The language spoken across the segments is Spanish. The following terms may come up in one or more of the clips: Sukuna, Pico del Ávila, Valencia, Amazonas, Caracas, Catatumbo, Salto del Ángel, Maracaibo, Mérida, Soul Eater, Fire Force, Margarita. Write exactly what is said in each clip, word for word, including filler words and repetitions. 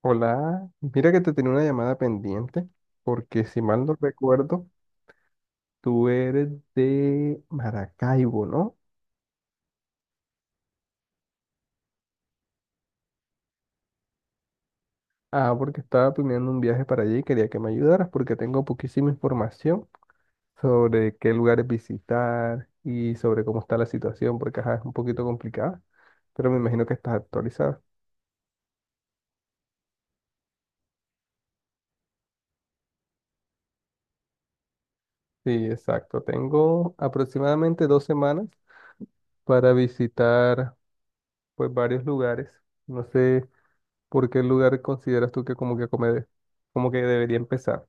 Hola, mira que te tenía una llamada pendiente, porque si mal no recuerdo, tú eres de Maracaibo, ¿no? Ah, porque estaba planeando un viaje para allí y quería que me ayudaras porque tengo poquísima información sobre qué lugares visitar y sobre cómo está la situación, porque ajá, es un poquito complicada, pero me imagino que estás actualizada. Sí, exacto. Tengo aproximadamente dos semanas para visitar pues varios lugares. No sé. ¿Por qué lugar consideras tú que como que come, como que debería empezar?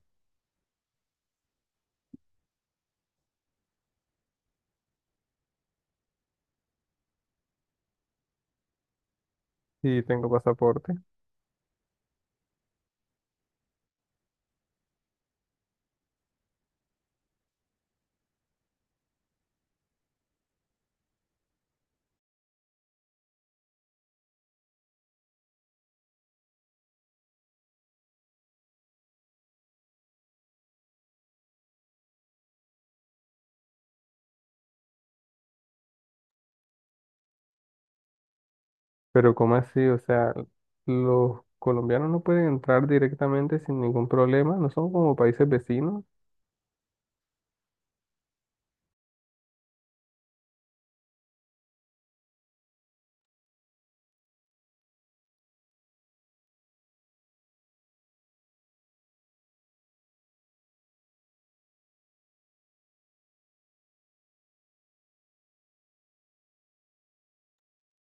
Sí, tengo pasaporte, pero ¿cómo así? O sea, los colombianos no pueden entrar directamente sin ningún problema, no son como países vecinos.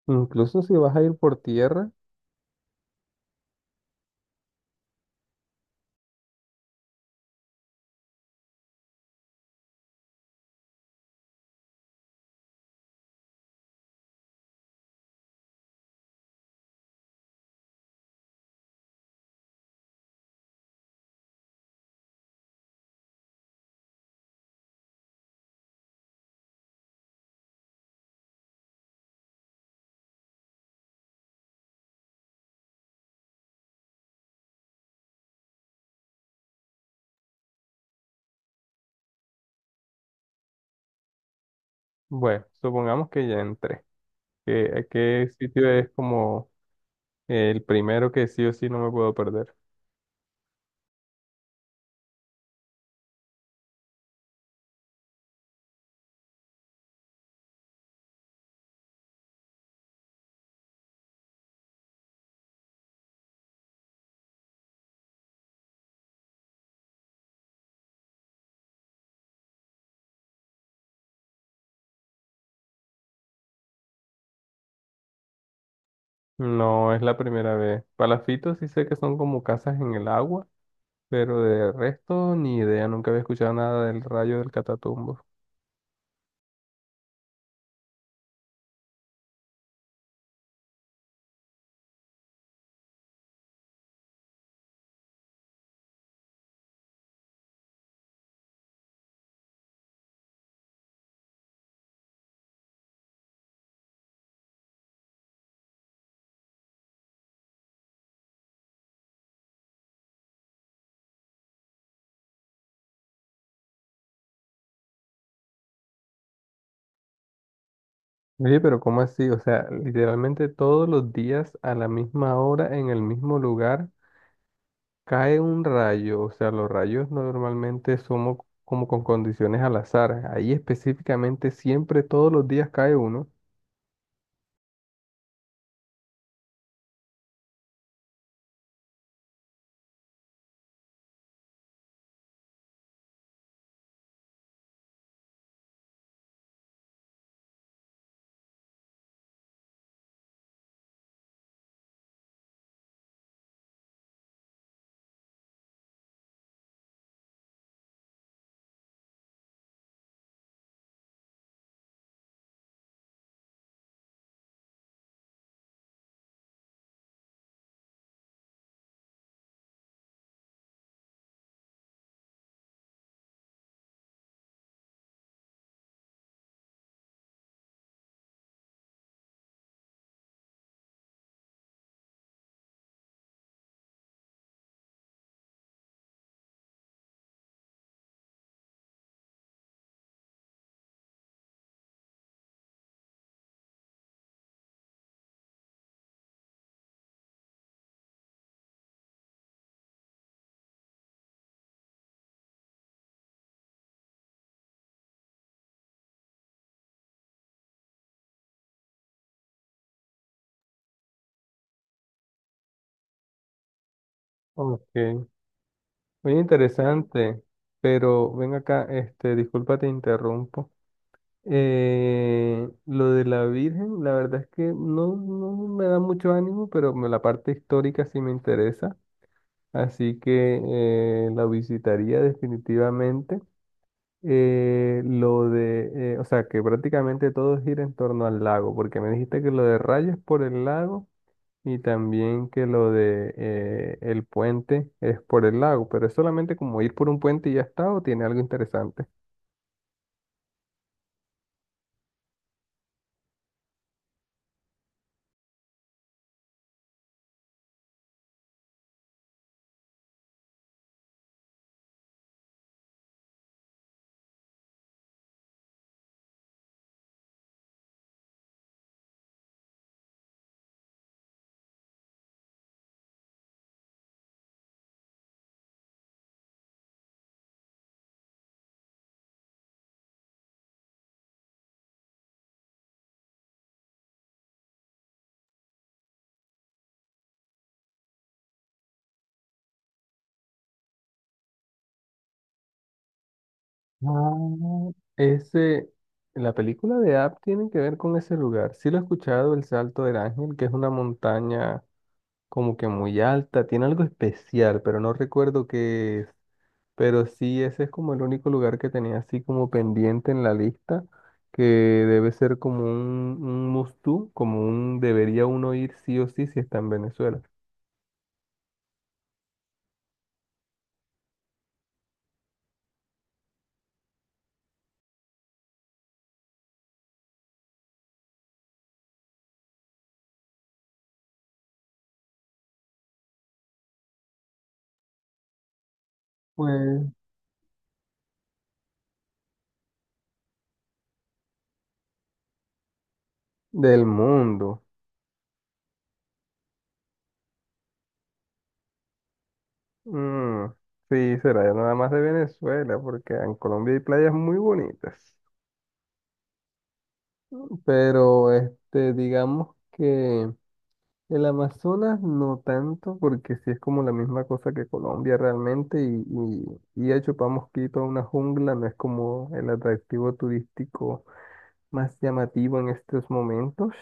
Incluso si vas a ir por tierra, bueno, supongamos que ya entré. ¿Qué, a qué sitio es como el primero que sí o sí no me puedo perder? No es la primera vez. Palafitos sí sé que son como casas en el agua. Pero de resto, ni idea, nunca había escuchado nada del rayo del Catatumbo. Oye, pero ¿cómo así? O sea, literalmente todos los días a la misma hora, en el mismo lugar, cae un rayo. O sea, los rayos normalmente somos como con condiciones al azar. Ahí específicamente siempre todos los días cae uno. Ok, muy interesante. Pero ven acá, este, disculpa, te interrumpo. Eh, lo de la Virgen, la verdad es que no, no me da mucho ánimo, pero me- la parte histórica sí me interesa, así que eh, la visitaría definitivamente. Eh, lo de, eh, o sea, que prácticamente todo gira en torno al lago, porque me dijiste que lo de rayos es por el lago y también que lo de eh, el puente es por el lago, pero es solamente como ir por un puente y ya está, o tiene algo interesante. Ah, ese, la película de App tiene que ver con ese lugar. Sí lo he escuchado, el Salto del Ángel, que es una montaña como que muy alta, tiene algo especial, pero no recuerdo qué es. Pero sí, ese es como el único lugar que tenía así como pendiente en la lista, que debe ser como un, un must do, como un debería uno ir sí o sí si está en Venezuela. Pues del mundo. Mm, sí, será nada más de Venezuela, porque en Colombia hay playas muy bonitas. Pero este, digamos que el Amazonas no tanto, porque sí es como la misma cosa que Colombia realmente, y, y, y a Chupamosquito, a una jungla, no es como el atractivo turístico más llamativo en estos momentos.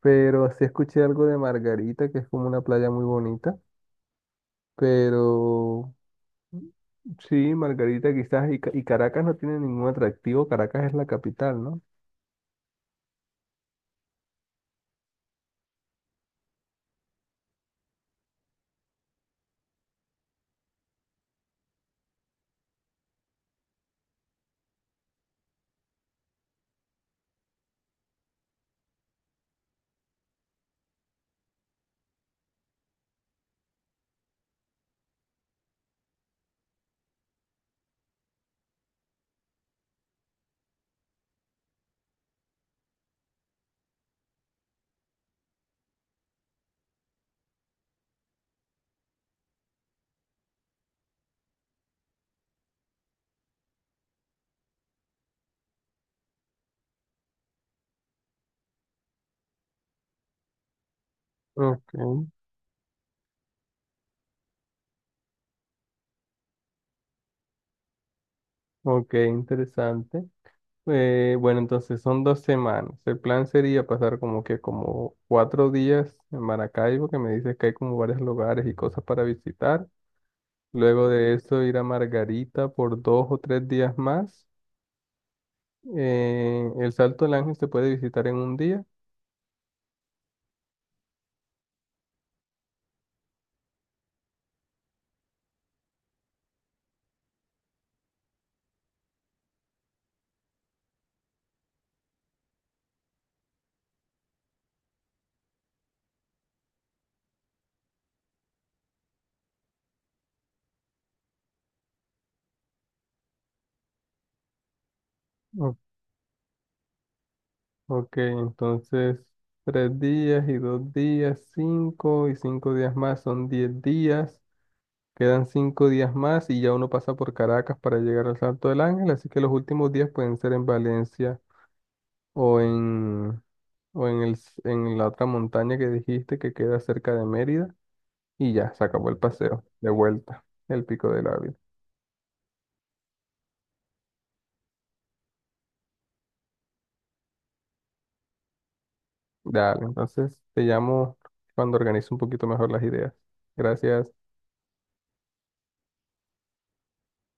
Pero sí escuché algo de Margarita, que es como una playa muy bonita, pero. Sí, Margarita quizás y, Ca- y Caracas no tiene ningún atractivo, Caracas es la capital, ¿no? Ok, ok, interesante. Eh, bueno, entonces son dos semanas. El plan sería pasar como que como cuatro días en Maracaibo, que me dices que hay como varios lugares y cosas para visitar. Luego de eso ir a Margarita por dos o tres días más. Eh, el Salto del Ángel se puede visitar en un día. Ok, entonces tres días y dos días, cinco y cinco días más son diez días. Quedan cinco días más y ya uno pasa por Caracas para llegar al Salto del Ángel, así que los últimos días pueden ser en Valencia o en, o en el, s- en la otra montaña que dijiste que queda cerca de Mérida y ya, se acabó el paseo, de vuelta, el Pico del Ávila. Dale, entonces te llamo cuando organice un poquito mejor las ideas. Gracias.